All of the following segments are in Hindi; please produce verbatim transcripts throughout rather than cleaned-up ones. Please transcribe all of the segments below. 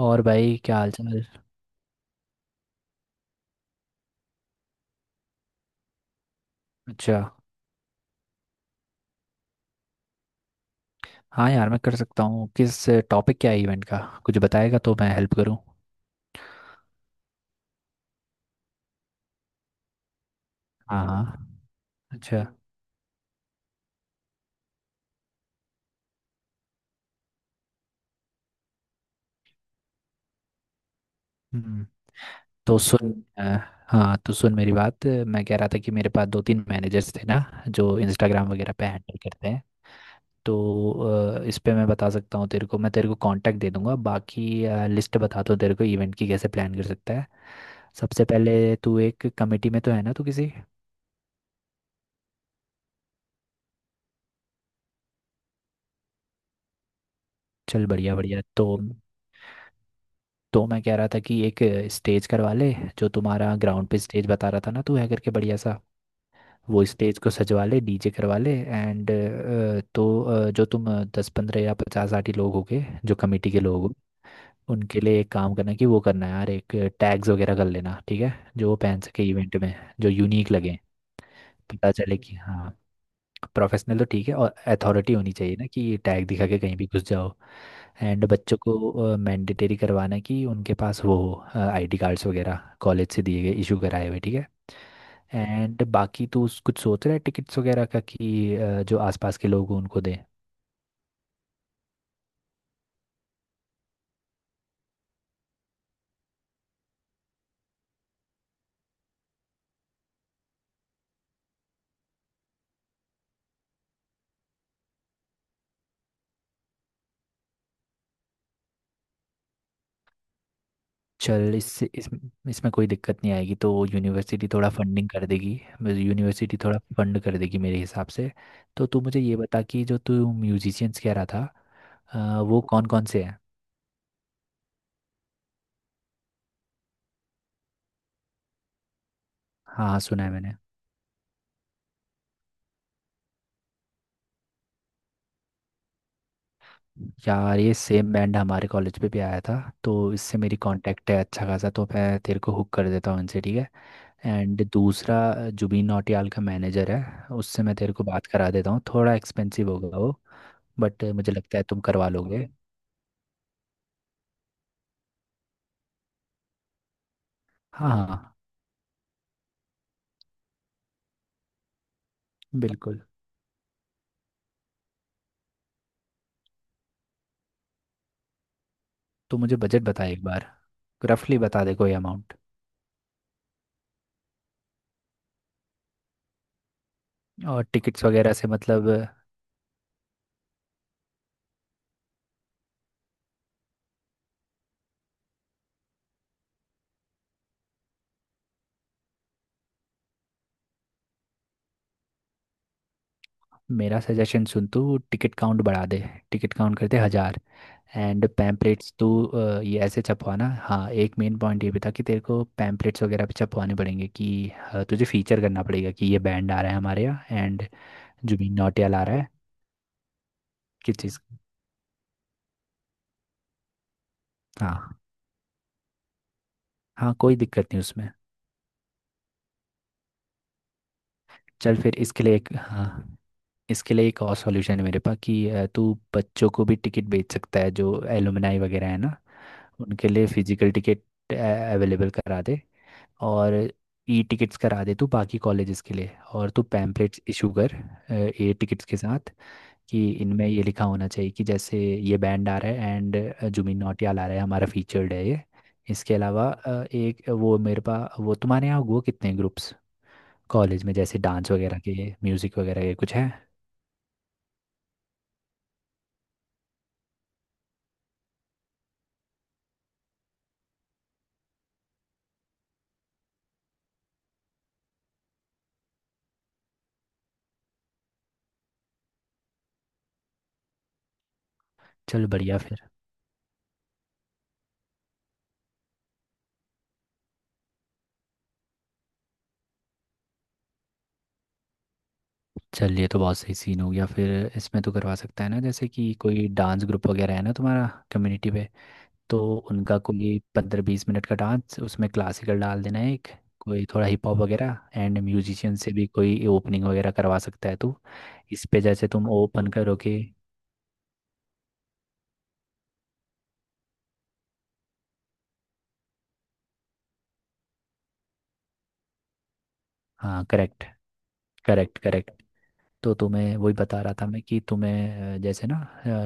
और भाई, क्या हाल चाल? अच्छा। हाँ यार, मैं कर सकता हूँ। किस टॉपिक क्या है इवेंट का? कुछ बताएगा तो मैं हेल्प करूँ। हाँ हाँ। अच्छा। हम्म तो सुन। अ, हाँ, तो सुन मेरी बात। मैं कह रहा था कि मेरे पास दो तीन मैनेजर्स थे ना, जो इंस्टाग्राम वगैरह पे हैंडल करते हैं। तो अ, इस पे मैं बता सकता हूँ तेरे को। मैं तेरे को कांटेक्ट दे दूंगा, बाकी लिस्ट बताता हूँ तेरे को इवेंट की, कैसे प्लान कर सकता है। सबसे पहले तू एक कमेटी में तो है ना, तू किसी। चल, बढ़िया बढ़िया। तो तो मैं कह रहा था कि एक स्टेज करवा ले। जो तुम्हारा ग्राउंड पे स्टेज बता रहा था ना तू, है करके बढ़िया सा। वो स्टेज को सजवा ले, डीजे करवा ले एंड। तो अ, जो तुम दस पंद्रह या पचास साठ ही लोग होगे जो कमेटी के लोग हो, उनके लिए एक काम करना कि वो करना है यार, एक टैग्स वगैरह कर लेना, ठीक है? जो वो पहन सके इवेंट में, जो यूनिक लगे, पता चले कि हाँ। प्रोफेशनल तो ठीक है, और अथॉरिटी होनी चाहिए ना कि टैग दिखा के कहीं भी घुस जाओ। एंड बच्चों को मैंडेटरी करवाना कि उनके पास वो हो, आईडी कार्ड्स वगैरह कॉलेज से दिए गए इशू कराए हुए, ठीक है? एंड बाकी तू उस- कुछ सोच रहा है टिकट्स वगैरह का कि अ, जो आसपास के लोग हों उनको दें। चल, इससे इस, इसमें कोई दिक्कत नहीं आएगी। तो यूनिवर्सिटी थोड़ा फंडिंग कर देगी। यूनिवर्सिटी थोड़ा फंड कर देगी मेरे हिसाब से। तो तू मुझे ये बता कि जो तू म्यूजिशियंस कह रहा था, अ, वो कौन कौन से हैं? हाँ, सुना है मैंने। यार, ये सेम बैंड हमारे कॉलेज पे भी आया था, तो इससे मेरी कांटेक्ट है अच्छा खासा। तो मैं तेरे को हुक कर देता हूँ इनसे, ठीक है? एंड दूसरा, जुबीन नौटियाल का मैनेजर है, उससे मैं तेरे को बात करा देता हूँ। थोड़ा एक्सपेंसिव होगा वो, बट मुझे लगता है तुम करवा लोगे। हाँ हाँ बिल्कुल। तो मुझे बजट बता एक बार। रफली बता दे कोई अमाउंट। और टिकट्स वगैरह से मतलब। मेरा सजेशन सुन, तू टिकट काउंट बढ़ा दे। टिकट काउंट करते हजार। एंड पैम्पलेट्स तू अ, ये ऐसे छपवाना। हाँ, एक मेन पॉइंट ये भी था कि तेरे को पैम्पलेट्स वगैरह भी छपवाने पड़ेंगे कि अ, तुझे फीचर करना पड़ेगा कि ये बैंड आ रहा है हमारे यहाँ, एंड जुबिन नौटियाल आ रहा है। किस चीज़ का? हाँ हाँ, कोई दिक्कत नहीं उसमें। चल फिर इसके लिए एक, हाँ, इसके लिए एक और सॉल्यूशन है मेरे पास कि अ, तू बच्चों को भी टिकट बेच सकता है, जो एलुमनाई वगैरह है ना। उनके लिए फिजिकल टिकट अवेलेबल करा दे। और ई टिकट्स करा दे तू बाकी कॉलेजेस के लिए। और तू पैम्पलेट्स इशू कर ए टिकट्स के साथ, कि इनमें ये लिखा होना चाहिए कि जैसे ये बैंड आ रहा है एंड जुबिन नौटियाल आ रहा है हमारा फीचर्ड है ये। इसके अलावा अ, एक वो मेरे पास, वो तुम्हारे यहाँ हुआ कितने ग्रुप्स कॉलेज में, जैसे डांस वगैरह के म्यूज़िक वगैरह के कुछ हैं? चल, बढ़िया फिर। चल, ये तो बहुत सही सीन हो गया। फिर इसमें तो करवा सकता है ना, जैसे कि कोई डांस ग्रुप वगैरह है ना तुम्हारा कम्युनिटी पे। तो उनका कोई पंद्रह बीस मिनट का डांस, उसमें क्लासिकल डाल देना है एक, कोई थोड़ा हिप हॉप वगैरह, एंड म्यूजिशियन से भी कोई ओपनिंग वगैरह करवा सकता है तू। इस पे जैसे तुम ओपन करोगे। हाँ, करेक्ट। Correct correct. तो तुम्हें वही बता रहा था मैं कि तुम्हें अ, जैसे ना,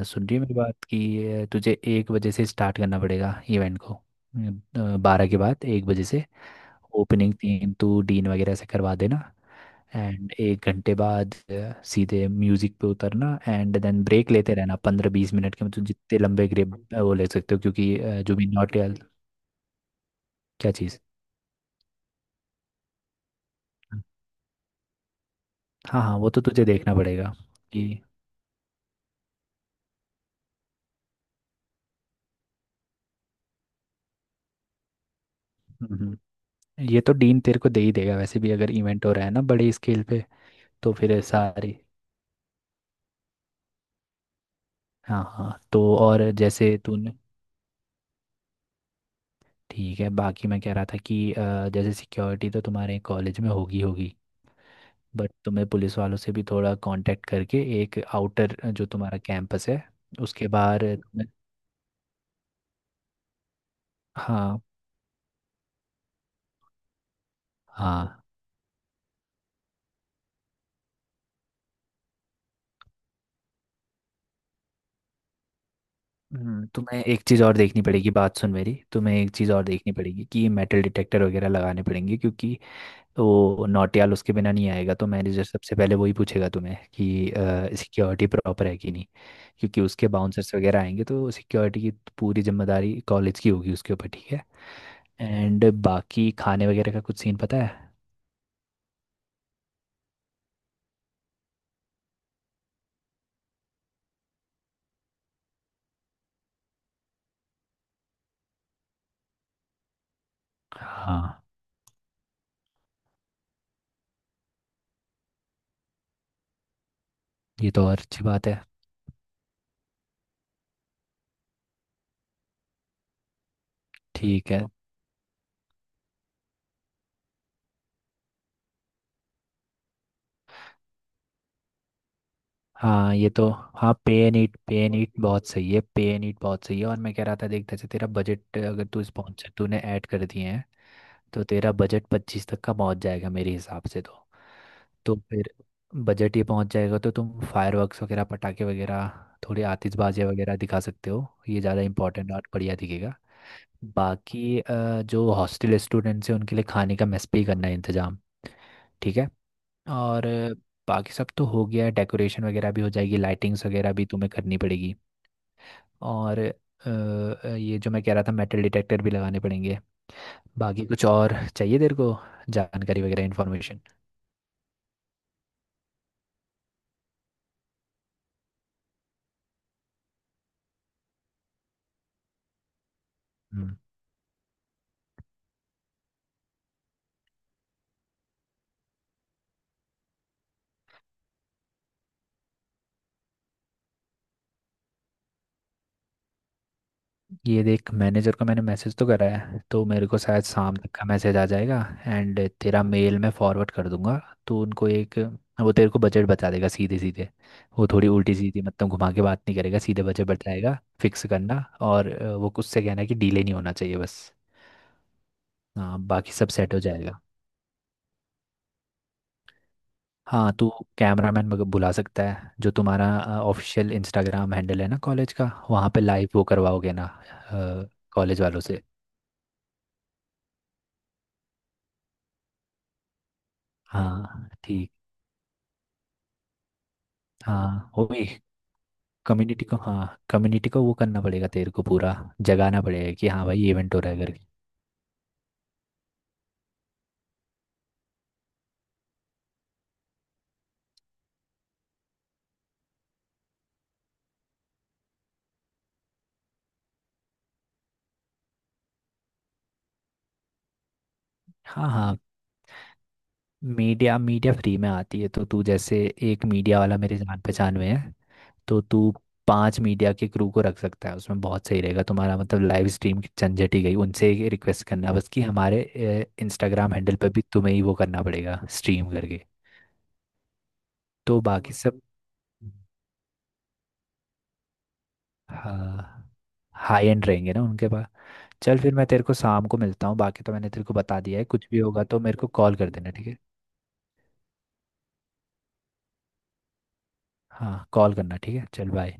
अ, सुन रही है मेरी बात कि अ, तुझे एक बजे से स्टार्ट करना पड़ेगा इवेंट को, बारह के बाद एक बजे से। ओपनिंग तीन तू डीन वगैरह से करवा देना। एंड एक घंटे बाद अ, सीधे म्यूजिक पे उतरना, एंड देन ब्रेक लेते रहना पंद्रह बीस मिनट के, मतलब जितने लंबे ग्रेप वो ले सकते हो क्योंकि अ, जुबिन नौटियाल। क्या चीज़? हाँ हाँ, वो तो तुझे देखना पड़ेगा कि हम्म, ये तो डीन तेरे को दे ही देगा वैसे भी अगर इवेंट हो रहा है ना बड़े स्केल पे। तो फिर सारी। हाँ हाँ, तो और जैसे तूने। ठीक है, बाकी मैं कह रहा था कि अ, जैसे सिक्योरिटी तो तुम्हारे कॉलेज में होगी होगी, बट तुम्हें पुलिस वालों से भी थोड़ा कांटेक्ट करके एक आउटर जो तुम्हारा कैंपस है उसके बाहर तुम्हें। हाँ हाँ। हम्म, तुम्हें एक चीज़ और देखनी पड़ेगी। बात सुन मेरी, तुम्हें एक चीज़ और देखनी पड़ेगी कि मेटल डिटेक्टर वगैरह लगाने पड़ेंगे, क्योंकि वो नौटियाल उसके बिना नहीं आएगा। तो मैनेजर सबसे पहले वही पूछेगा तुम्हें कि सिक्योरिटी प्रॉपर है कि नहीं, क्योंकि उसके बाउंसर्स वगैरह आएंगे, तो सिक्योरिटी की पूरी जिम्मेदारी कॉलेज की होगी उसके ऊपर, ठीक है? एंड बाकी खाने वगैरह का कुछ सीन पता है? हाँ, ये तो और अच्छी बात है। ठीक है। हाँ, ये तो। हाँ, pay and eat. Pay and eat बहुत सही है। पे एंड ईट बहुत सही है। और मैं कह रहा था देख, जैसे तेरा बजट, अगर तू स्पॉन्सर तूने ऐड कर दिए हैं तो तेरा बजट पच्चीस तक का पहुंच जाएगा मेरे हिसाब से। तो तो फिर बजट ये पहुंच जाएगा, तो तुम फायरवर्क्स वगैरह पटाखे वगैरह थोड़ी आतिशबाजी वगैरह दिखा सकते हो, ये ज़्यादा इंपॉर्टेंट और बढ़िया दिखेगा। बाकी अ, जो हॉस्टल स्टूडेंट्स हैं उनके लिए खाने का मेस पे ही करना है इंतजाम, ठीक है? और बाकी सब तो हो गया है, डेकोरेशन वगैरह भी हो जाएगी, लाइटिंग्स वगैरह भी तुम्हें करनी पड़ेगी। और अ, ये जो मैं कह रहा था मेटल डिटेक्टर भी लगाने पड़ेंगे। बाकी कुछ और चाहिए तेरे को जानकारी वगैरह, इन्फॉर्मेशन? ये देख, मैनेजर को मैंने मैसेज तो करा है, तो मेरे को शायद शाम तक का मैसेज आ जाएगा। एंड तेरा मेल मैं फॉरवर्ड कर दूंगा तो उनको एक। वो तेरे को बजट बता देगा सीधे सीधे। वो थोड़ी उल्टी सीधी मतलब घुमा के बात नहीं करेगा, सीधे बजट बताएगा फिक्स करना। और अ, वो कुछ से कहना है कि डिले नहीं होना चाहिए बस। हाँ, बाकी सब सेट हो जाएगा। हाँ, तू कैमरामैन बुला सकता है। जो तुम्हारा ऑफिशियल इंस्टाग्राम हैंडल है ना कॉलेज का, वहाँ पे लाइव वो करवाओगे ना कॉलेज वालों से। हाँ, ठीक। हाँ वो भी। कम्युनिटी को, हाँ, कम्युनिटी को वो करना पड़ेगा तेरे को पूरा। जगाना पड़ेगा कि हाँ भाई इवेंट हो रहा है करके। हाँ हाँ। मीडिया, मीडिया फ्री में आती है तो तू जैसे, एक मीडिया वाला मेरे जान पहचान में है। तो तू पांच मीडिया के क्रू को रख सकता है उसमें, बहुत सही रहेगा तुम्हारा। मतलब लाइव स्ट्रीम की झंझट ही गई। उनसे ये रिक्वेस्ट करना बस कि हमारे इंस्टाग्राम हैंडल पर भी तुम्हें ही वो करना पड़ेगा स्ट्रीम करके। तो बाकी सब। हाँ, हाई एंड रहेंगे ना उनके पास। चल फिर, मैं तेरे को शाम को मिलता हूँ। बाकी तो मैंने तेरे को बता दिया है। कुछ भी होगा तो मेरे को कॉल कर देना, ठीक है? हाँ, कॉल करना ठीक है। चल, बाय।